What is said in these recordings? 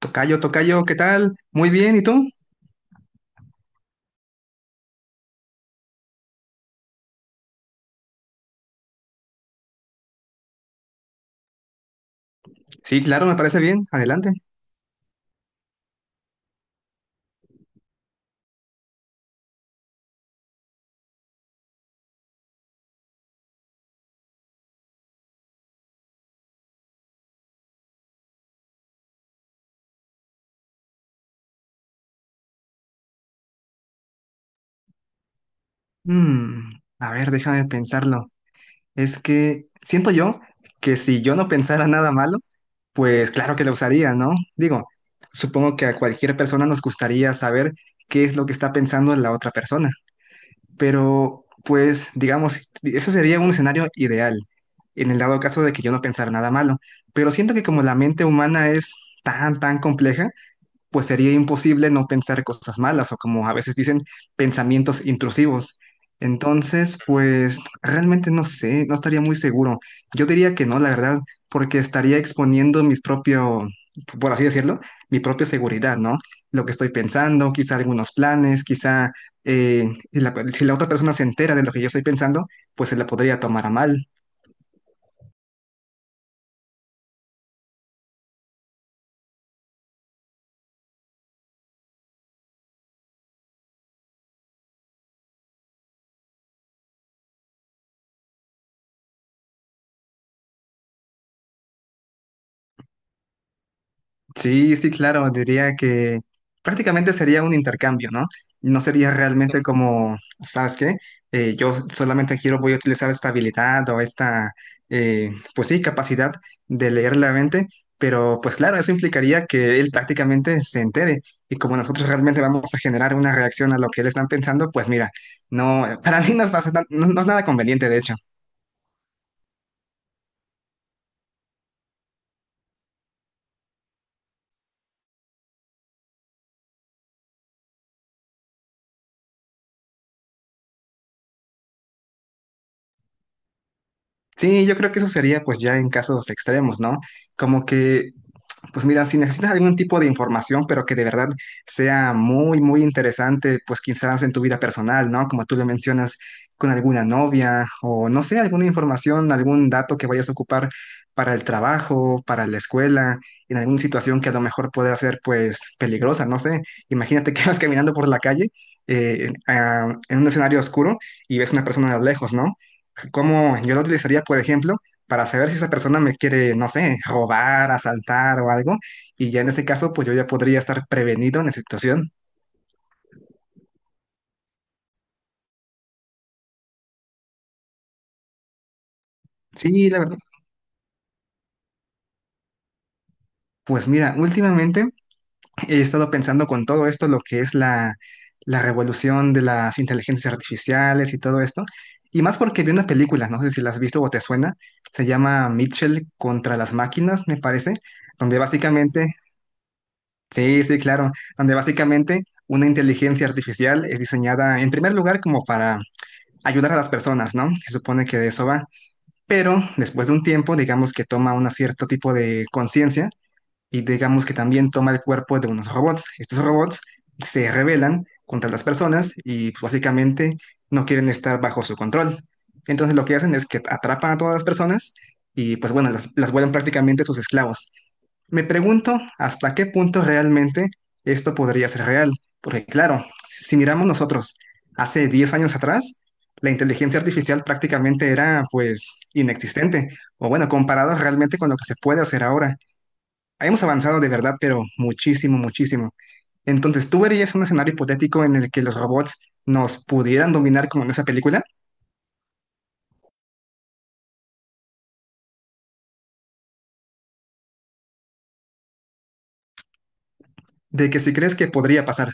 Tocayo, tocayo, ¿qué tal? Muy bien, ¿y tú? Sí, claro, me parece bien. Adelante. Mm, a ver, déjame pensarlo. Es que siento yo que si yo no pensara nada malo, pues claro que lo usaría, ¿no? Digo, supongo que a cualquier persona nos gustaría saber qué es lo que está pensando la otra persona. Pero, pues, digamos, ese sería un escenario ideal, en el dado caso de que yo no pensara nada malo. Pero siento que como la mente humana es tan compleja, pues sería imposible no pensar cosas malas o como a veces dicen, pensamientos intrusivos. Entonces, pues realmente no sé, no estaría muy seguro. Yo diría que no, la verdad, porque estaría exponiendo mis propio, por así decirlo, mi propia seguridad, ¿no? Lo que estoy pensando, quizá algunos planes, quizá la- si la otra persona se entera de lo que yo estoy pensando, pues se la podría tomar a mal. Sí, sí, claro, diría que prácticamente sería un intercambio, ¿no? No sería realmente como, ¿sabes qué? Yo solamente quiero, voy a utilizar esta habilidad o esta, pues sí, capacidad de leer la mente, pero pues claro, eso implicaría que él prácticamente se entere y como nosotros realmente vamos a generar una reacción a lo que él está pensando, pues mira, no, para mí no es, bastante- no es nada conveniente, de hecho. Sí, yo creo que eso sería pues ya en casos extremos, ¿no? Como que pues mira, si necesitas algún tipo de información, pero que de verdad sea muy interesante, pues quizás en tu vida personal, ¿no? Como tú lo mencionas, con alguna novia o no sé, alguna información, algún dato que vayas a ocupar para el trabajo, para la escuela, en alguna situación que a lo mejor pueda ser pues peligrosa, no sé. Imagínate que vas caminando por la calle en un escenario oscuro y ves una persona a lo lejos, ¿no? ¿Cómo yo lo utilizaría, por ejemplo? Para saber si esa persona me quiere, no sé, robar, asaltar o algo. Y ya en ese caso, pues yo ya podría estar prevenido en esa situación. Sí, la verdad. Pues mira, últimamente he estado pensando con todo esto, lo que es la revolución de las inteligencias artificiales y todo esto. Y más porque vi una película, no sé si la has visto o te suena, se llama Mitchell contra las máquinas, me parece, donde básicamente, sí, sí, claro, donde básicamente una inteligencia artificial es diseñada en primer lugar como para ayudar a las personas, ¿no? Se supone que de eso va. Pero después de un tiempo, digamos que toma un cierto tipo de conciencia y digamos que también toma el cuerpo de unos robots. Estos robots se rebelan contra las personas y pues, básicamente no quieren estar bajo su control. Entonces lo que hacen es que atrapan a todas las personas y pues bueno, las vuelven prácticamente sus esclavos. Me pregunto hasta qué punto realmente esto podría ser real, porque claro, si miramos nosotros hace 10 años atrás, la inteligencia artificial prácticamente era pues inexistente, o bueno, comparado realmente con lo que se puede hacer ahora. Hemos avanzado de verdad, pero muchísimo, muchísimo. Entonces, ¿tú verías un escenario hipotético en el que los robots nos pudieran dominar como en esa película? ¿De que si crees que podría pasar?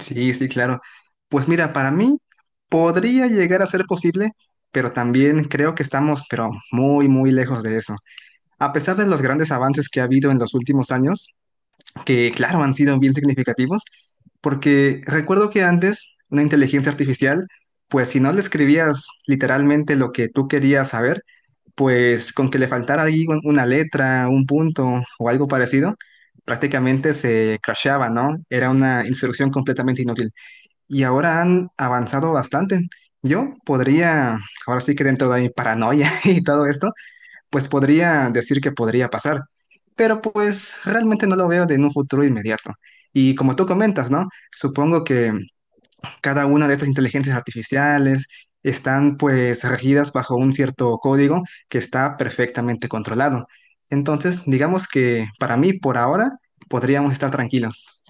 Sí, sí, claro. Pues mira, para mí podría llegar a ser posible, pero también creo que estamos, pero muy lejos de eso. A pesar de los grandes avances que ha habido en los últimos años, que claro han sido bien significativos, porque recuerdo que antes una inteligencia artificial, pues si no le escribías literalmente lo que tú querías saber, pues con que le faltara ahí un- una letra, un punto o algo parecido, prácticamente se crashaba, ¿no? Era una instrucción completamente inútil y ahora han avanzado bastante. Yo podría, ahora sí que dentro de mi paranoia y todo esto, pues podría decir que podría pasar, pero pues realmente no lo veo de en un futuro inmediato. Y como tú comentas, ¿no? Supongo que cada una de estas inteligencias artificiales están pues regidas bajo un cierto código que está perfectamente controlado. Entonces, digamos que para mí, por ahora, podríamos estar tranquilos.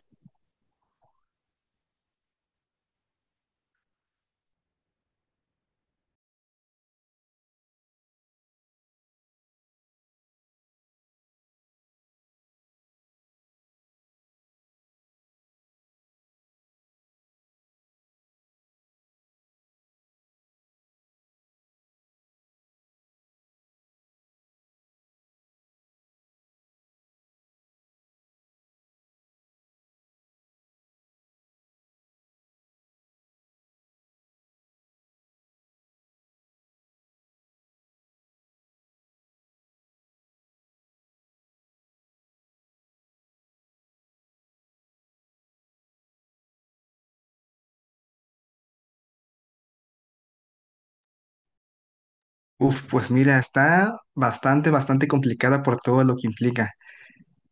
Uf, pues mira, está bastante, bastante complicada por todo lo que implica.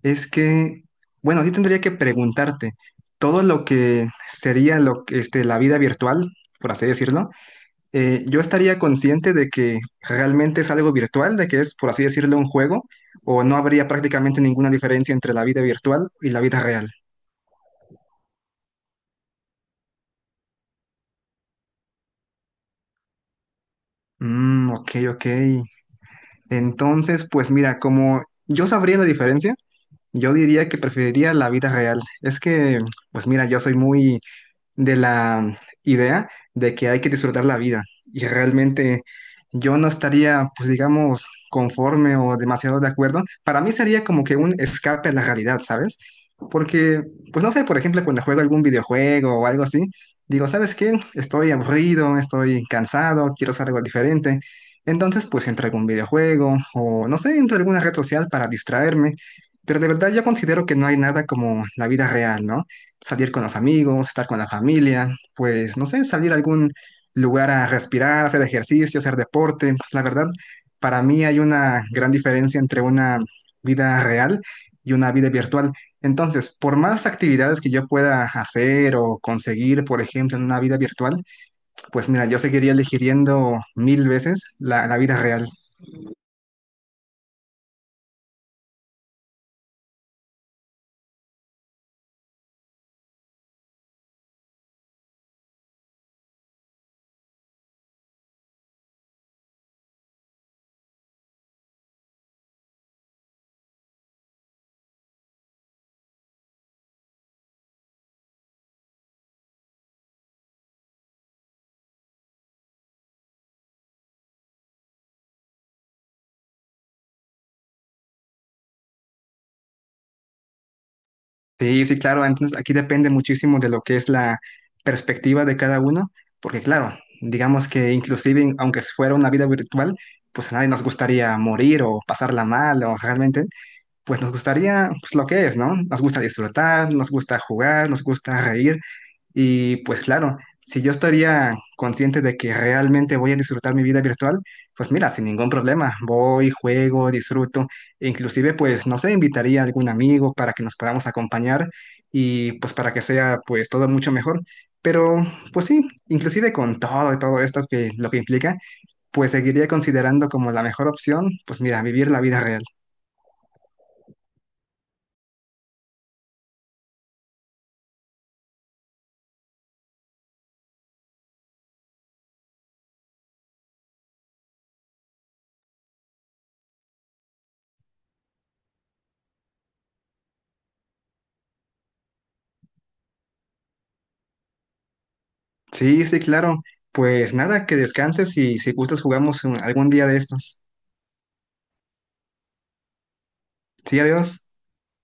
Es que, bueno, yo tendría que preguntarte, todo lo que sería lo que, este, la vida virtual, por así decirlo, yo estaría consciente de que realmente es algo virtual, de que es, por así decirlo, un juego, o no habría prácticamente ninguna diferencia entre la vida virtual y la vida real. Mm, ok, ok. Entonces, pues mira, como yo sabría la diferencia, yo diría que preferiría la vida real. Es que, pues mira, yo soy muy, de la idea de que hay que disfrutar la vida. Y realmente yo no estaría, pues digamos, conforme o demasiado de acuerdo. Para mí sería como que un escape a la realidad, ¿sabes? Porque, pues no sé, por ejemplo, cuando juego algún videojuego o algo así, digo, ¿sabes qué? Estoy aburrido, estoy cansado, quiero hacer algo diferente. Entonces, pues entro a algún videojuego o, no sé, entro a alguna red social para distraerme. Pero de verdad yo considero que no hay nada como la vida real, ¿no? Salir con los amigos, estar con la familia, pues no sé, salir a algún lugar a respirar, hacer ejercicio, hacer deporte. Pues la verdad, para mí hay una gran diferencia entre una vida real y una vida virtual. Entonces, por más actividades que yo pueda hacer o conseguir, por ejemplo, en una vida virtual, pues mira, yo seguiría eligiendo mil veces la vida real. Sí, sí, claro. Entonces aquí depende muchísimo de lo que es la perspectiva de cada uno, porque claro, digamos que inclusive aunque fuera una vida virtual, pues a nadie nos gustaría morir o pasarla mal o realmente, pues nos gustaría pues lo que es, ¿no? Nos gusta disfrutar, nos gusta jugar, nos gusta reír, y pues claro, si yo estaría consciente de que realmente voy a disfrutar mi vida virtual, pues mira, sin ningún problema, voy, juego, disfruto, e inclusive pues no sé, invitaría a algún amigo para que nos podamos acompañar y pues para que sea pues todo mucho mejor. Pero pues sí, inclusive con todo y todo esto que lo que implica, pues seguiría considerando como la mejor opción, pues mira, vivir la vida real. Sí, sí, claro. Pues nada, que descanses y si gustas jugamos un- algún día de estos. Sí, adiós.